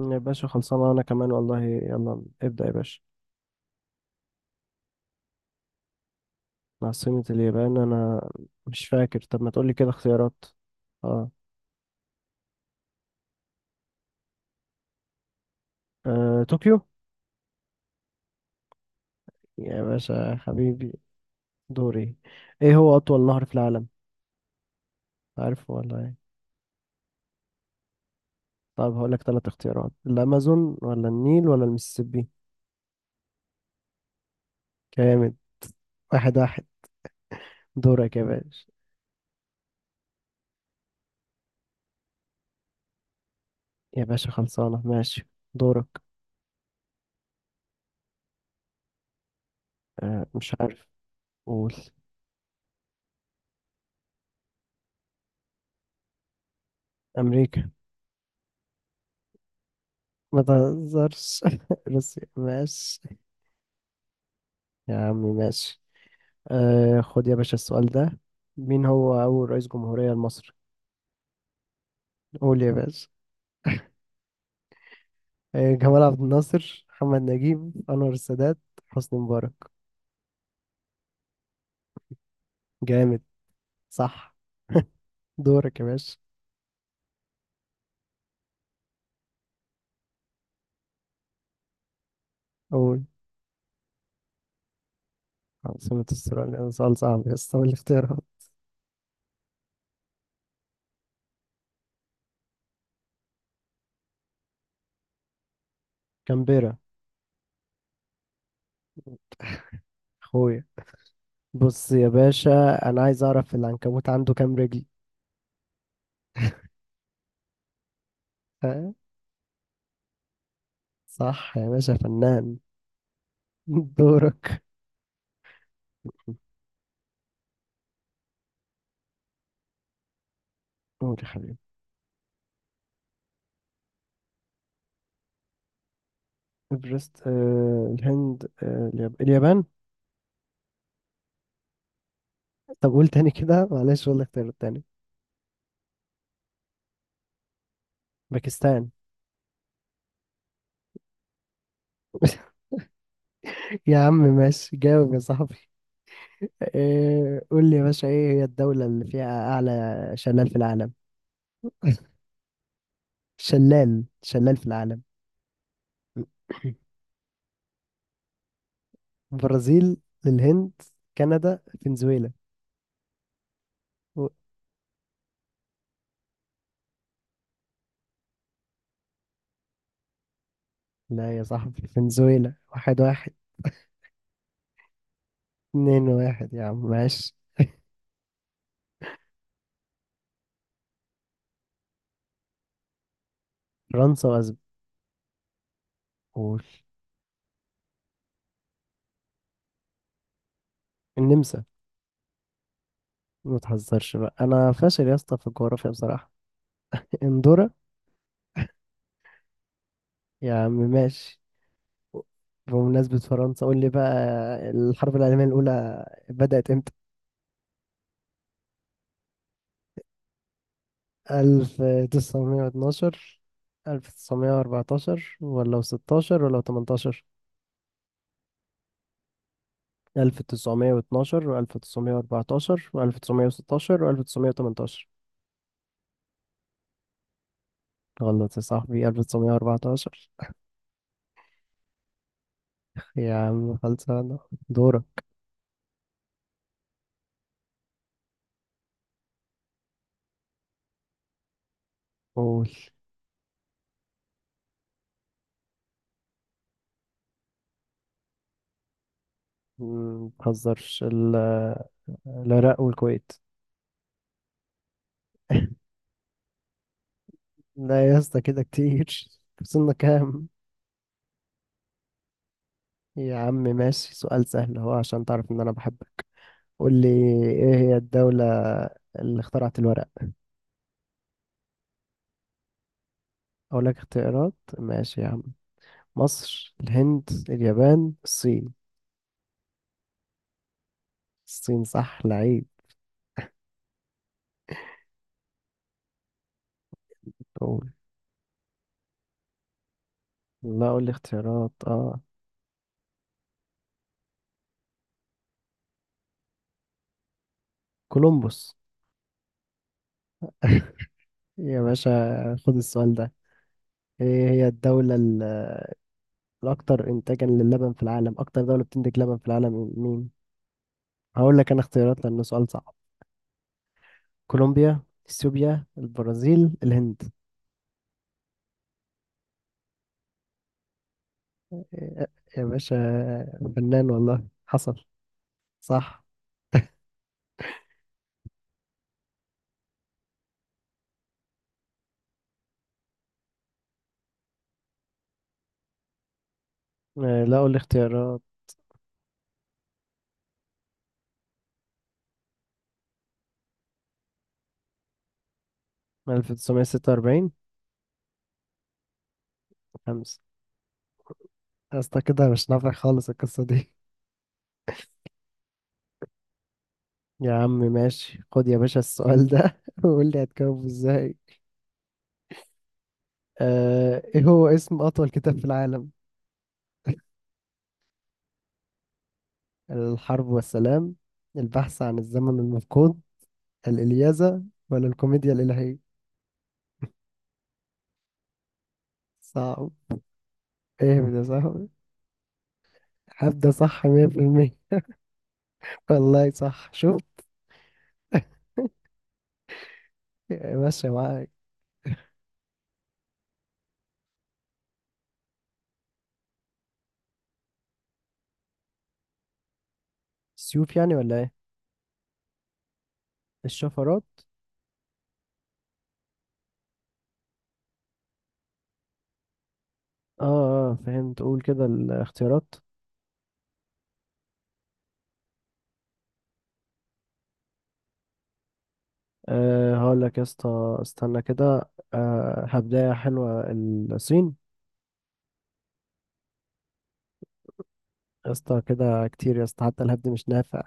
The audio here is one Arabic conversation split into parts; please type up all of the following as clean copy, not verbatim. يا باشا خلصانة. أنا كمان والله، يلا ابدأ يا باشا. عاصمة اليابان؟ أنا مش فاكر. طب ما تقولي كده اختيارات. اه, آه، طوكيو. يا باشا حبيبي. دوري. ايه هو أطول نهر في العالم؟ عارف ولا ايه؟ طب هقولك تلات اختيارات: الأمازون ولا النيل ولا المسيسيبي؟ جامد. واحد واحد. دورك يا باشا. يا باشا خلصانة، ماشي. دورك. آه مش عارف. قول. أمريكا. ما تهزرش روسيا، ماشي. يا عمي ماشي. آه، خد يا باشا السؤال ده. مين هو أول رئيس جمهورية لمصر؟ قول يا باشا. آه، جمال عبد الناصر، محمد نجيب، أنور السادات، حسني مبارك. جامد. صح. دورك يا باشا. قول. عاصمة استراليا ده سؤال صعب يا اسطى. اللي اختيارها. كامبيرا. أخويا. بص يا باشا، أنا عايز أعرف العنكبوت عنده كام رجل. ها؟ صح يا باشا، فنان. دورك. قول يا حبيبي. إيفرست. آه، الهند. آه، اليابان. طب قول تاني كده، معلش والله، اختيار التاني. باكستان. يا عم ماشي، جاوب يا صاحبي. إيه، قول لي يا باشا، ايه هي الدولة اللي فيها أعلى شلال في العالم؟ شلال، شلال في العالم. برازيل، الهند، كندا، فنزويلا. و- لا يا صاحبي، فنزويلا. واحد واحد. اتنين واحد يا عم، ماشي. فرنسا وأسبانيا. قول. النمسا. ما تهزرش بقى، أنا فاشل يا اسطى في الجغرافيا بصراحة. اندورا. يا عم ماشي. بمناسبة فرنسا، قول لي بقى، الحرب العالمية الأولى بدأت امتى؟ 1912، 1914 ولا 16 ولا 18؟ 1912 و1914 و1916 و1918. غلط يا صاحبي، 1914. يا عم خلصانة. دورك. قول. متهزرش العراق والكويت. لا يا اسطى كده كتير. وصلنا كام؟ يا عم ماشي، سؤال سهل اهو، عشان تعرف ان انا بحبك. قول لي ايه هي الدولة اللي اخترعت الورق؟ اقول لك اختيارات. ماشي يا عم. مصر، الهند، اليابان، الصين. الصين، صح لعيب. قول. لا قول لي اختيارات، اه. كولومبوس. يا باشا، خد السؤال ده. ايه هي الاكثر انتاجا للبن في العالم؟ اكتر دولة بتنتج لبن في العالم مين؟ هقول لك انا اختيارات لانه سؤال صعب. كولومبيا، اثيوبيا، البرازيل، الهند. يا باشا، فنان والله، حصل. صح. آه، لقوا الاختيارات. 1946. خمسة. يا اسطى كده مش نافع خالص القصة دي. يا عم ماشي، خد يا باشا السؤال ده وقول لي هتجاوبه ازاي. آه، ايه هو اسم أطول كتاب في العالم؟ الحرب والسلام، البحث عن الزمن المفقود، الإلياذة، ولا الكوميديا الإلهية؟ صعب. ايه ده، صعب. هبدأ، صح 100%. والله صح، شوف. ماشي معاك. سيوف يعني ولا ايه؟ الشفرات. اه. اه فهمت، قول كده الاختيارات. أه هقول لك يا اسطى، استنى كده، أه هبداية حلوة، الصين. يا اسطى كده كتير يا اسطى، حتى الهبد مش نافع.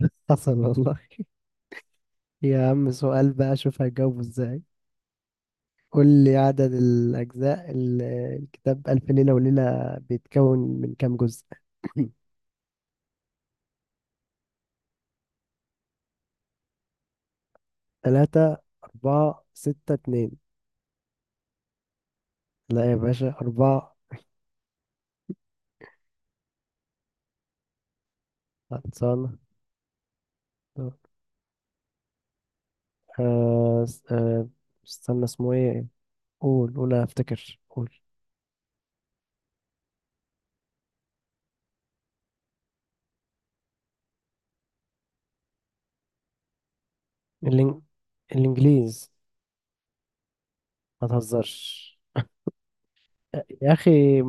حصل والله. يا عم سؤال بقى، شوف هجاوبه ازاي. قول لي عدد الأجزاء الكتاب ألف ليلة وليلة بيتكون من كام جزء؟ تلاتة، أربعة، ستة، اتنين. لا يا باشا، أربعة. خلصانة. آه استنى اسمه ايه. قول، قول انا افتكر، قول. الإن... الانجليز. ما تهزرش. آه، يا اخي،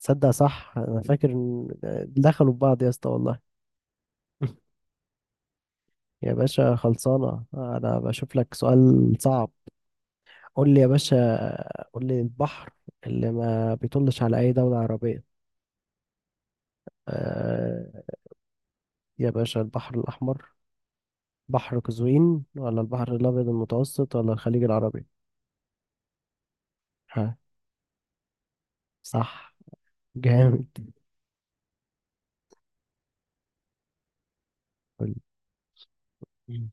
تصدق صح انا فاكر ان آه، دخلوا ببعض يا اسطى والله. يا باشا خلصانه، انا بشوف لك سؤال صعب. قول لي يا باشا، قول لي البحر اللي ما بيطلش على اي دوله عربيه. آه، يا باشا، البحر الاحمر، بحر قزوين، ولا البحر الابيض المتوسط، ولا الخليج العربي؟ ها. صح. جامد. قول. مم.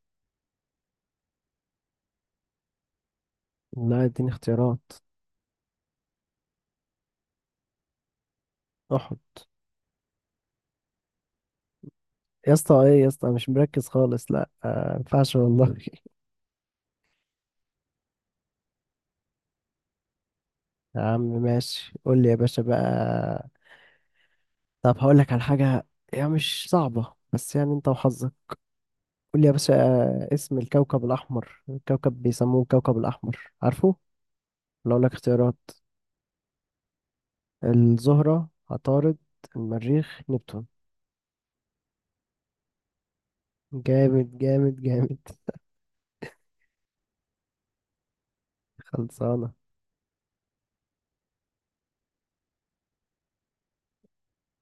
لا، اديني اختيارات. احط. يا اسطى ايه يا اسطى، أنا مش مركز خالص، لا آه، ما ينفعش والله. يا عم ماشي، قول لي يا باشا بقى. طب هقول لك على حاجة، هي مش صعبة بس يعني انت وحظك. قول لي يا باشا، آه، اسم الكوكب الأحمر، الكوكب بيسموه الكوكب الأحمر، عارفه ولا اقول لك اختيارات؟ الزهرة، عطارد، المريخ، نبتون. جامد جامد جامد. خلصانة.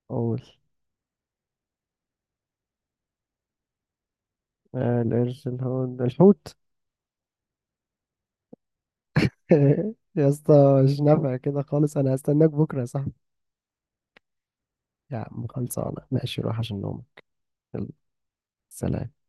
قول. آه، القرش، الحوت. يا اسطى، مش نافع كده خالص، انا هستناك بكره يا صاحبي. يا عم خلصانه ماشي، روح عشان نوم. يلا. سلام.